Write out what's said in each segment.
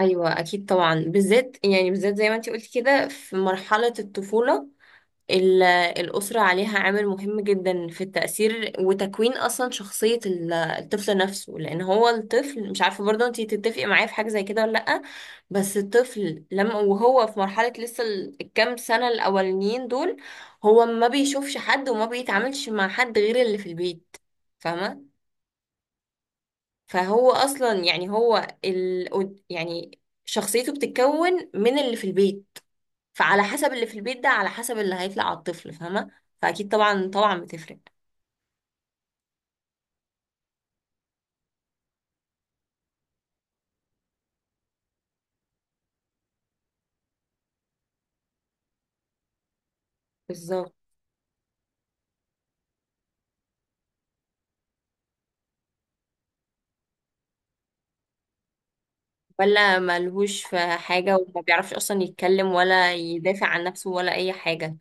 ايوه، اكيد طبعا، بالذات زي ما انت قلت كده، في مرحله الطفوله، ال- الاسره عليها عامل مهم جدا في التاثير وتكوين اصلا شخصيه الطفل نفسه، لان هو الطفل. مش عارفه، برضه انت تتفقي معايا في حاجه زي كده ولا لا. بس الطفل لما وهو في مرحله لسه الكام سنه الاولانيين دول، هو ما بيشوفش حد وما بيتعاملش مع حد غير اللي في البيت. فاهمه؟ فهو اصلا، يعني شخصيته بتتكون من اللي في البيت. فعلى حسب اللي في البيت ده، على حسب اللي هيطلع على الطفل. فاهمه؟ فاكيد طبعا طبعا بتفرق. بالظبط. ولا ملهوش في حاجه وما بيعرفش اصلا يتكلم ولا يدافع عن نفسه ولا اي حاجه.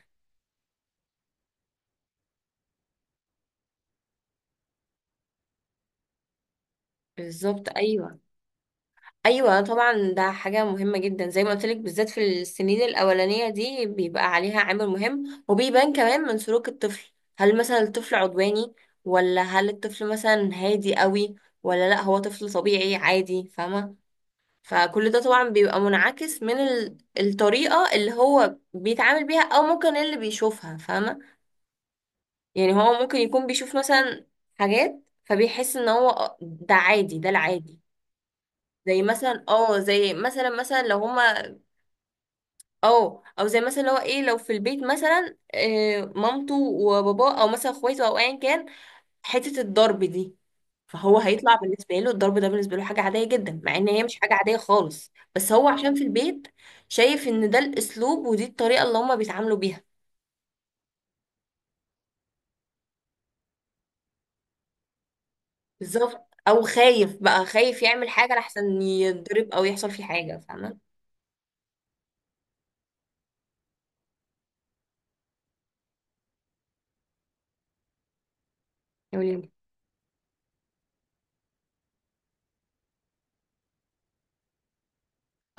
بالظبط ايوه. ايوه طبعا، ده حاجه مهمه جدا زي ما قلت لك، بالذات في السنين الاولانيه دي بيبقى عليها عامل مهم، وبيبان كمان من سلوك الطفل. هل مثلا الطفل عدواني، ولا هل الطفل مثلا هادي قوي، ولا لا هو طفل طبيعي عادي. فاهمه؟ فكل ده طبعا بيبقى منعكس من الطريقه اللي هو بيتعامل بيها، او ممكن اللي بيشوفها. فاهمه؟ يعني هو ممكن يكون بيشوف مثلا حاجات، فبيحس ان هو، ده عادي، ده العادي. زي مثلا لو هما او او زي مثلا اللي هو ايه لو في البيت مثلا، مامته وباباه، او مثلا اخواته، او ايا كان، حته الضرب دي. فهو هيطلع بالنسبه له الضرب ده بالنسبه له حاجه عاديه جدا، مع ان هي مش حاجه عاديه خالص، بس هو عشان في البيت شايف ان ده الاسلوب ودي الطريقه اللي هما بيتعاملوا بيها. بالظبط، او خايف يعمل حاجه لحسن يتضرب او يحصل فيه حاجه. فاهمه؟ يقول لي.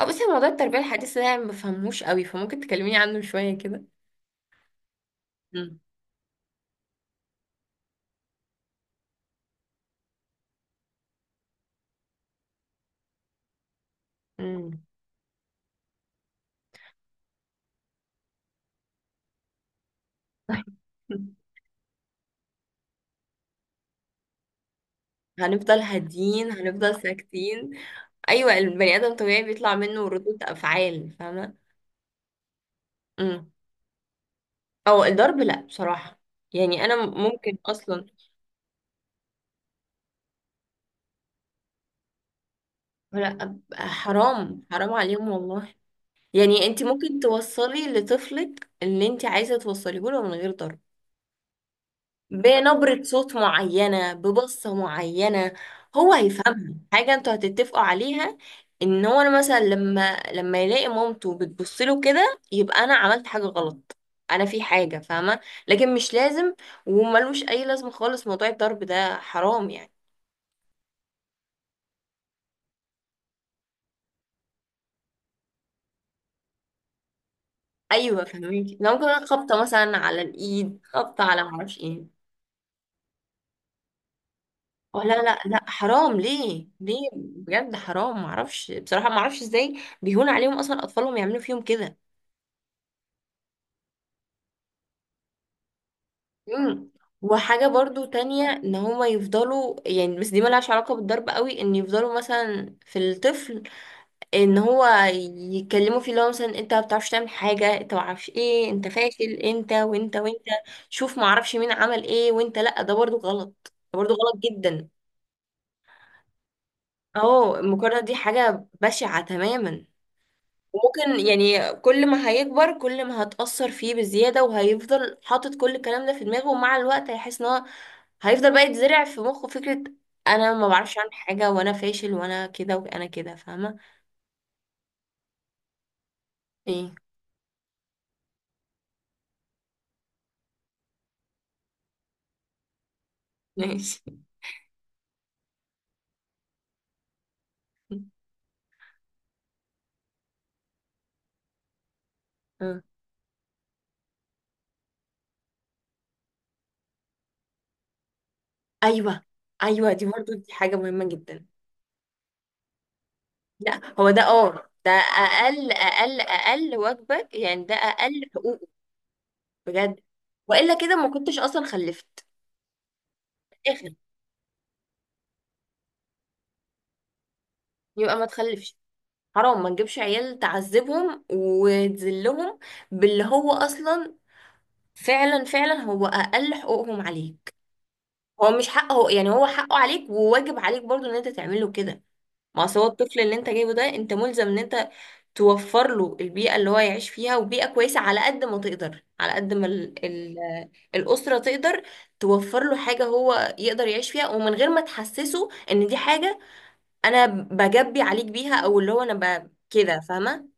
اه، بس موضوع التربيه الحديثه ده أنا ما بفهموش قوي، فممكن تكلميني عنه شويه كده. امم. هنفضل هادين، هنفضل ساكتين. ايوه، البني ادم طبيعي بيطلع منه ردود افعال. فاهمه؟ امم. او الضرب لا بصراحه، يعني انا ممكن اصلا... لا، أبقى حرام، حرام عليهم والله. يعني انت ممكن توصلي لطفلك اللي انت عايزه توصليه له من غير ضرب، بنبرة صوت معينة، ببصة معينة هو هيفهمها. حاجة انتوا هتتفقوا عليها، ان هو انا مثلا لما يلاقي مامته بتبص له كده، يبقى انا عملت حاجة غلط. انا في حاجة. فاهمة؟ لكن مش لازم. وملوش اي لازمة خالص موضوع الضرب ده، حرام يعني. ايوه فهميكي، لو ممكن خبطة مثلا على الايد، خبطة على معرفش ايه. أو لا لا لا حرام، ليه؟ ليه بجد حرام؟ معرفش بصراحة، معرفش ازاي بيهون عليهم اصلا اطفالهم يعملوا فيهم كده. مم. وحاجة برضو تانية، ان هما يفضلوا يعني، بس دي ملهاش علاقة بالضرب قوي، ان يفضلوا مثلا في الطفل، ان هو يتكلموا فيه، اللي هو مثلا انت ما بتعرفش تعمل حاجة، انت ما اعرفش ايه، انت فاشل، انت وانت وانت، شوف ما اعرفش مين عمل ايه وانت. لا، ده برضو غلط، ده برضو غلط جدا. اه، المقارنة دي حاجة بشعة تماما. وممكن يعني كل ما هيكبر كل ما هتأثر فيه بزيادة، وهيفضل حاطط كل الكلام ده في دماغه، ومع الوقت هيحس ان هو هيفضل بقى يتزرع في مخه فكرة: انا ما بعرفش اعمل حاجة، وانا فاشل، وانا كده وانا كده. فاهمة؟ ايه؟ ماشي. آه. ايوه ايوه، دي برضو حاجة مهمة جدا. لا هو ده اقل اقل اقل واجبك يعني، ده اقل حقوقه، بجد. والا كده ما كنتش اصلا خلفت. اخر. يبقى ما تخلفش. حرام، ما نجيبش عيال تعذبهم وتذلهم باللي هو اصلا. فعلا فعلا هو اقل حقوقهم عليك. هو مش حقه يعني، هو حقه عليك وواجب عليك برضو ان انت تعمله كده. ما أصل هو الطفل اللي انت جايبه ده، انت ملزم ان انت توفر له البيئة اللي هو يعيش فيها، وبيئة كويسة على قد ما تقدر، على قد ما ال ال الأسرة تقدر توفر له حاجة هو يقدر يعيش فيها، ومن غير ما تحسسه ان دي حاجة انا بجبي عليك بيها، او اللي هو انا كده. فاهمة؟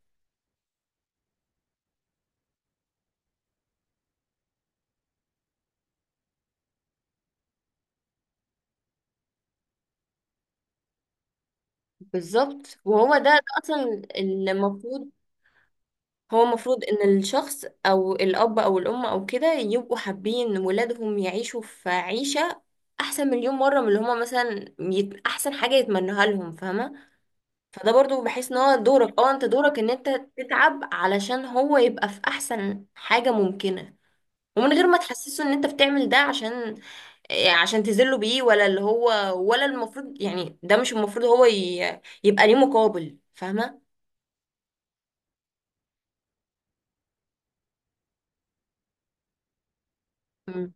بالظبط، وهو ده اصلا المفروض. هو المفروض ان الشخص او الاب او الام او كده يبقوا حابين ولادهم يعيشوا في عيشة احسن مليون مرة من اللي هما مثلا احسن حاجة يتمنوها لهم. فاهمة؟ فده برضو بحس ان هو دورك، اه انت دورك ان انت تتعب علشان هو يبقى في احسن حاجة ممكنة، ومن غير ما تحسسه ان انت بتعمل ده عشان إيه، عشان تذله بيه، ولا اللي هو، ولا المفروض يعني، ده مش المفروض هو يبقى ليه مقابل. فاهمة؟ مم.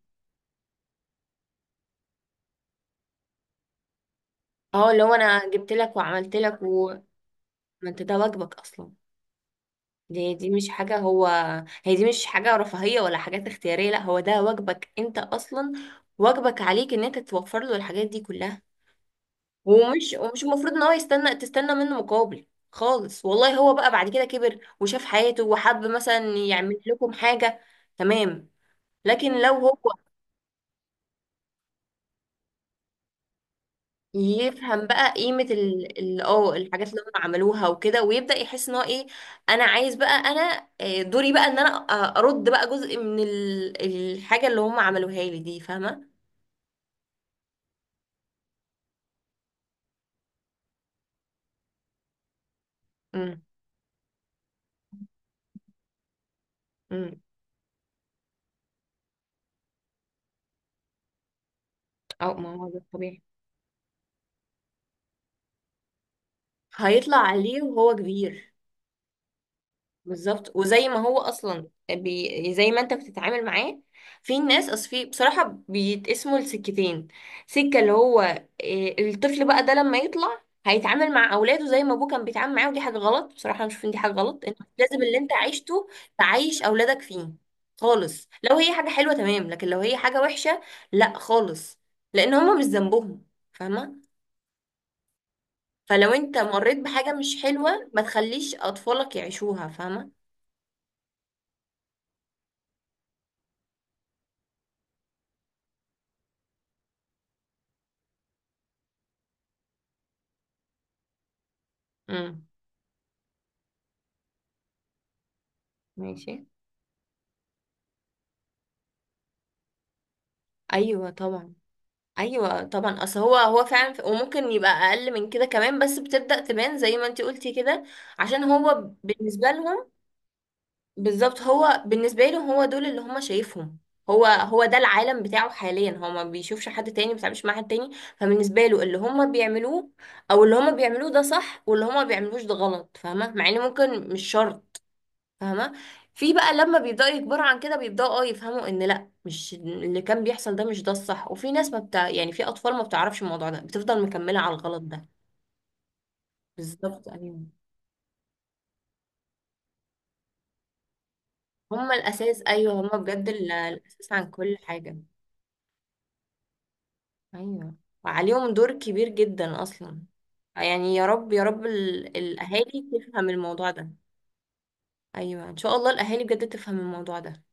اه، لو انا جبت لك وعملت لك، وما انت ده واجبك اصلا. دي مش حاجه هو. هي دي مش حاجه رفاهيه ولا حاجات اختياريه، لا هو ده واجبك انت اصلا، واجبك عليك ان انت توفر له الحاجات دي كلها. ومش المفروض ان هو يستنى، تستنى منه مقابل خالص والله. هو بقى بعد كده كبر وشاف حياته وحب مثلا يعمل لكم حاجه، تمام. لكن لو هو يفهم بقى قيمة الحاجات اللي هم عملوها وكده، ويبدأ يحس ان هو ايه، انا عايز بقى، دوري بقى ان انا، ارد بقى جزء من الحاجة اللي هم عملوها لي دي. فاهمة؟ امم، امم. اه، ما هو ده طبيعي. هيطلع عليه وهو كبير. بالظبط. وزي ما هو اصلا زي ما انت بتتعامل معاه. في ناس، اصل، في بصراحه، بيتقسموا لسكتين. سكه اللي هو إيه، الطفل بقى ده لما يطلع هيتعامل مع اولاده زي ما ابوه كان بيتعامل معاه. ودي حاجه غلط بصراحه، انا بشوف ان دي حاجه غلط، انت لازم اللي انت عايشته تعيش اولادك فيه خالص، لو هي حاجه حلوه تمام، لكن لو هي حاجه وحشه لا خالص، لان هما مش ذنبهم. فاهمه؟ فلو انت مريت بحاجه مش حلوه ما تخليش اطفالك يعيشوها. فاهمه؟ امم. ماشي. ايوه طبعا. ايوه طبعا، اصل هو فعلا، وممكن يبقى اقل من كده كمان، بس بتبدأ تبان زي ما انتي قلتي كده. عشان هو بالنسبة لهم. بالظبط، هو بالنسبة لهم هو دول اللي هم شايفهم. هو ده العالم بتاعه حاليا، هو ما بيشوفش حد تاني، ما بيتعاملش مع حد تاني. فبالنسبة له اللي هم بيعملوه ده صح، واللي هم ما بيعملوش ده غلط. فاهمة؟ مع ان ممكن مش شرط. فاهمة؟ في بقى لما بيبدأوا يكبروا عن كده، بيبدأوا يفهموا ان لا، مش اللي كان بيحصل ده، مش ده الصح، وفي ناس ما بتاع يعني في اطفال ما بتعرفش الموضوع ده بتفضل مكملة على الغلط ده. بالظبط ايوه. هما الاساس، ايوه هما بجد الاساس عن كل حاجة. ايوه، وعليهم دور كبير جدا اصلا. آه يعني، يا رب يا رب الاهالي تفهم الموضوع ده. ايوه ان شاء الله الاهالي بجد تفهم الموضوع ده.